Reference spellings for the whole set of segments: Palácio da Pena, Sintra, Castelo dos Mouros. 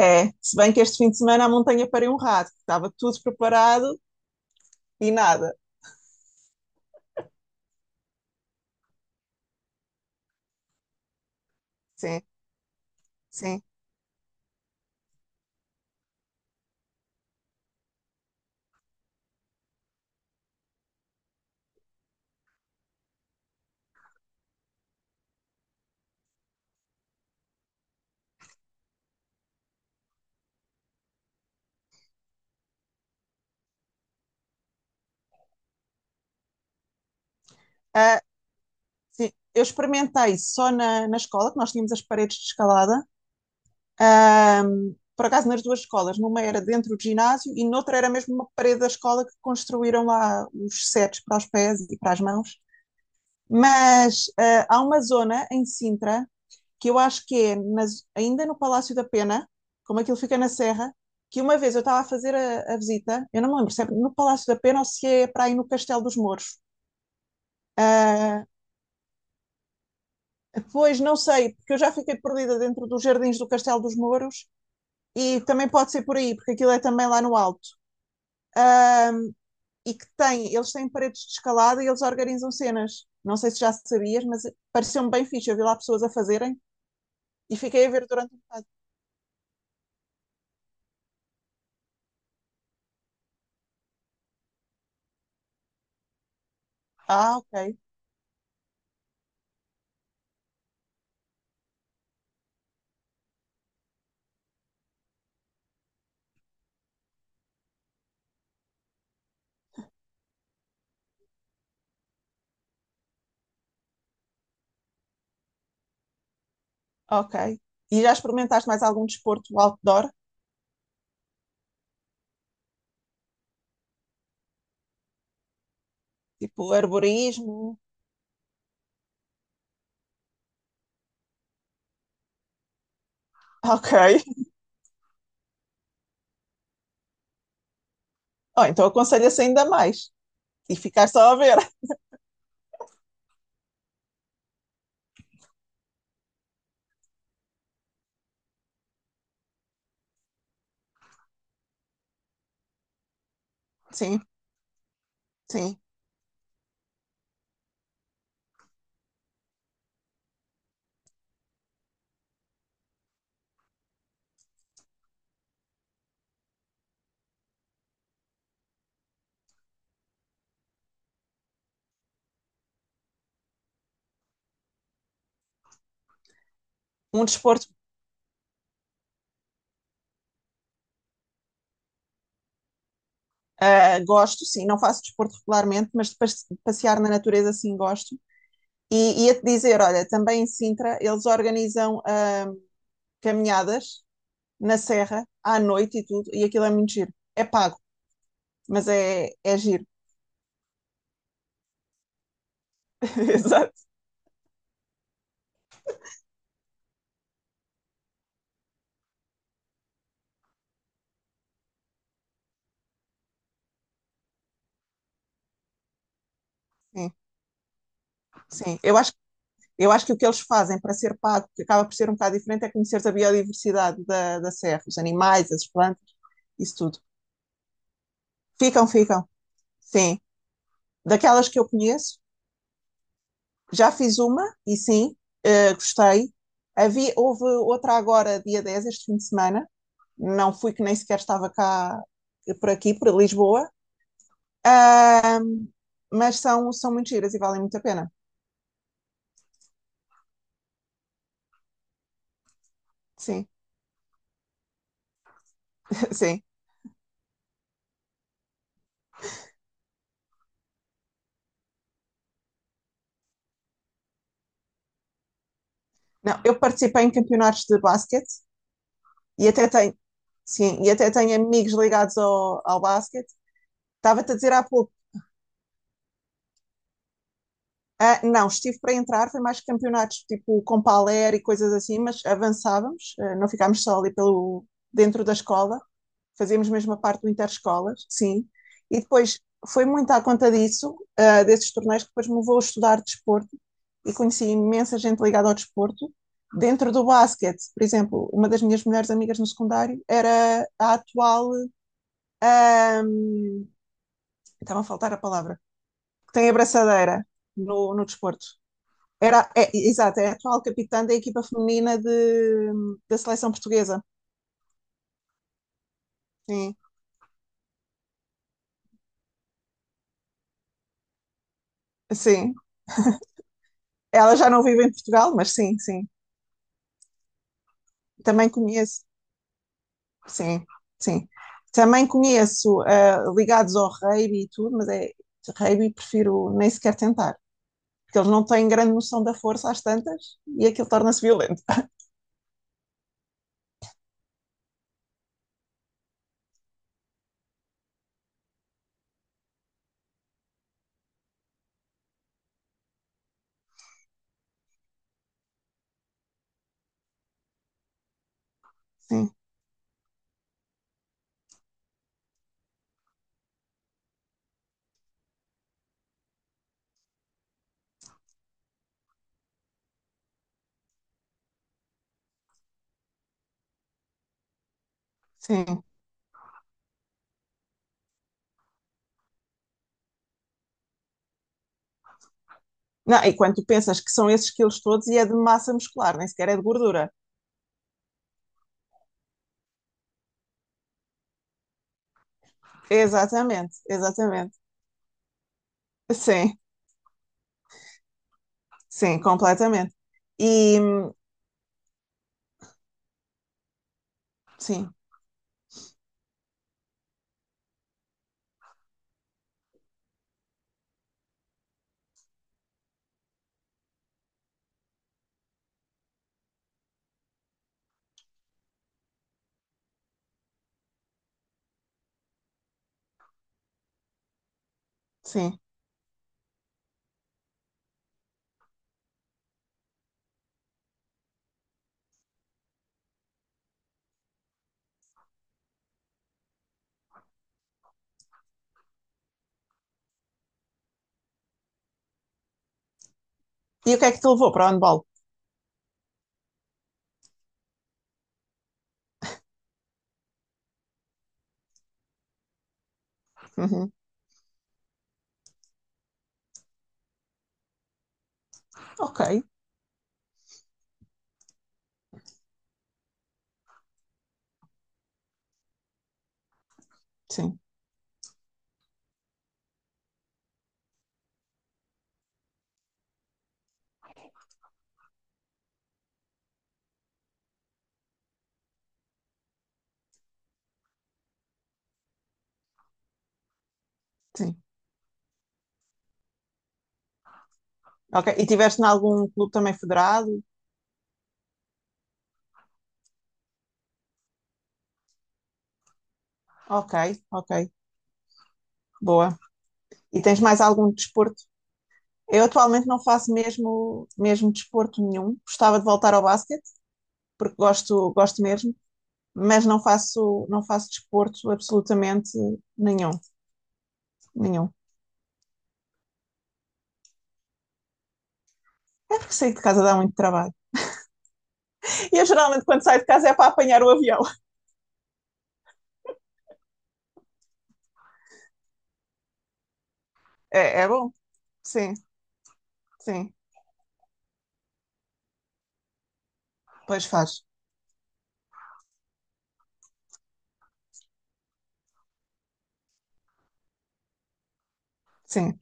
É, se bem que este fim de semana a montanha pariu um rato, estava tudo preparado e nada. Sim, sim. Ah, sim. Eu experimentei só na escola, que nós tínhamos as paredes de escalada. Ah, por acaso nas duas escolas, numa era dentro do ginásio e noutra era mesmo uma parede da escola que construíram lá os setes para os pés e para as mãos. Mas há uma zona em Sintra que eu acho que é nas, ainda no Palácio da Pena, como aquilo fica na Serra, que uma vez eu estava a fazer a visita. Eu não me lembro se é no Palácio da Pena ou se é para aí no Castelo dos Mouros. Ah, Pois não sei, porque eu já fiquei perdida dentro dos jardins do Castelo dos Mouros, e também pode ser por aí, porque aquilo é também lá no alto. E que tem, eles têm paredes de escalada e eles organizam cenas. Não sei se já sabias, mas pareceu-me bem fixe. Eu vi lá pessoas a fazerem e fiquei a ver durante um bocado. Ah, ok. Ok. E já experimentaste mais algum desporto outdoor? Tipo arborismo? Ok. Oh, então aconselho-se ainda mais. E ficar só a ver. Sim, sim. Um desporto, gosto, sim. Não faço desporto regularmente, mas de passear na natureza, sim, gosto. E ia-te dizer, olha, também em Sintra eles organizam caminhadas na serra, à noite e tudo, e aquilo é muito giro. É pago, mas é, é giro. Exato. Sim, sim. Eu acho que o que eles fazem para ser pago, que acaba por ser um bocado diferente, é conhecer a biodiversidade da serra, os animais, as plantas, isso tudo. Ficam, ficam. Sim. Daquelas que eu conheço, já fiz uma e sim, gostei. Havia, houve outra agora, dia 10 este fim de semana. Não fui, que nem sequer estava cá, por aqui, por Lisboa. Ahm, mas são, são muito giras e valem muito a pena. Sim, sim. Não, eu participei em campeonatos de basquete. E até tenho, sim, e até tenho amigos ligados ao basquete. Estava-te a dizer há pouco, não, estive para entrar. Foi mais campeonatos tipo com paler e coisas assim, mas avançávamos, não ficámos só ali pelo, dentro da escola, fazíamos mesmo a parte do interescolas, sim. E depois foi muito à conta disso, desses torneios, que depois me levou a estudar desporto e conheci imensa gente ligada ao desporto. Dentro do basquete, por exemplo, uma das minhas melhores amigas no secundário era a atual ah, estava a faltar a palavra, que tem a braçadeira no desporto. Era, é, exato, é a atual capitã da equipa feminina de, da seleção portuguesa. Sim. Sim. Ela já não vive em Portugal, mas sim, sim. Também conheço. Sim, sim. Também conheço ligados ao rugby e tudo, mas é rugby, prefiro nem sequer tentar, porque eles não têm grande noção da força às tantas e aquilo torna-se violento. Sim, sim. Não, e quando tu pensas que são esses quilos todos e é de massa muscular, nem sequer é de gordura. Exatamente, exatamente. Sim, sim, completamente. E hum, sim, sim. E o que é que te levou para o handball? Uhum. Ok, sim, sim. Ok. E tiveste em algum clube também federado? Ok, ok. Boa. E tens mais algum desporto? Eu atualmente não faço mesmo, mesmo desporto nenhum. Gostava de voltar ao basquete, porque gosto, gosto mesmo, mas não faço, não faço desporto absolutamente nenhum, nenhum. É porque sair de casa dá muito trabalho. E eu geralmente quando saio de casa é para apanhar o avião. É, é bom? Sim, sim. Pois faz. Sim.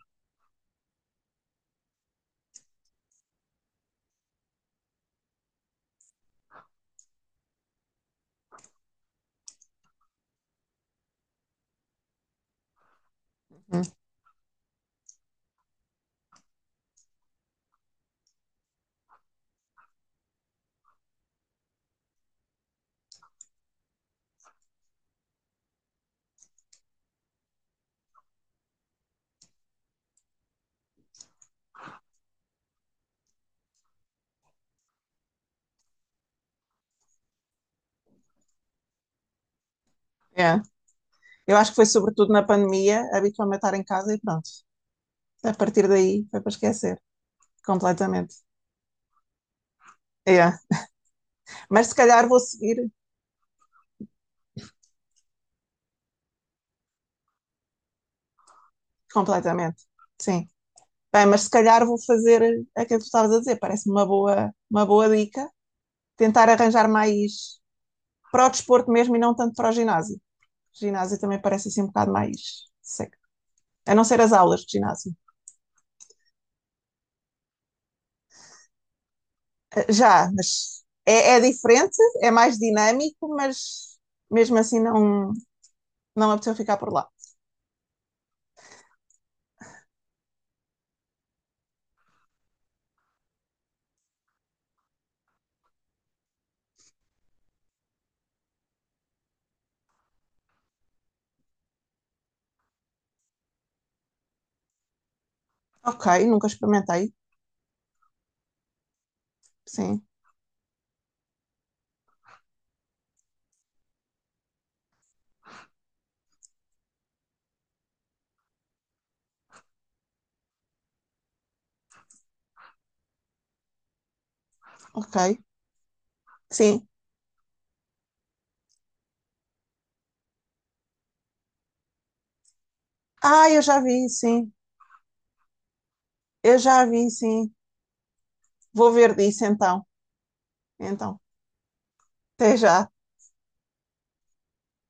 Hum, é. Eu acho que foi sobretudo na pandemia, habitualmente estar em casa e pronto. A partir daí foi para esquecer completamente. É. Mas se calhar vou seguir completamente. Sim. Bem, mas se calhar vou fazer aquilo que tu estavas a dizer, parece-me uma boa dica. Tentar arranjar mais para o desporto mesmo e não tanto para o ginásio. O ginásio também parece assim um bocado mais seco. A não ser as aulas de ginásio. Já, mas é, é diferente, é mais dinâmico, mas mesmo assim não, não apeteceu ficar por lá. Ok, nunca experimentei. Sim, ok. Sim. Ah, eu já vi, sim. Eu já vi, sim. Vou ver disso então. Então, até já.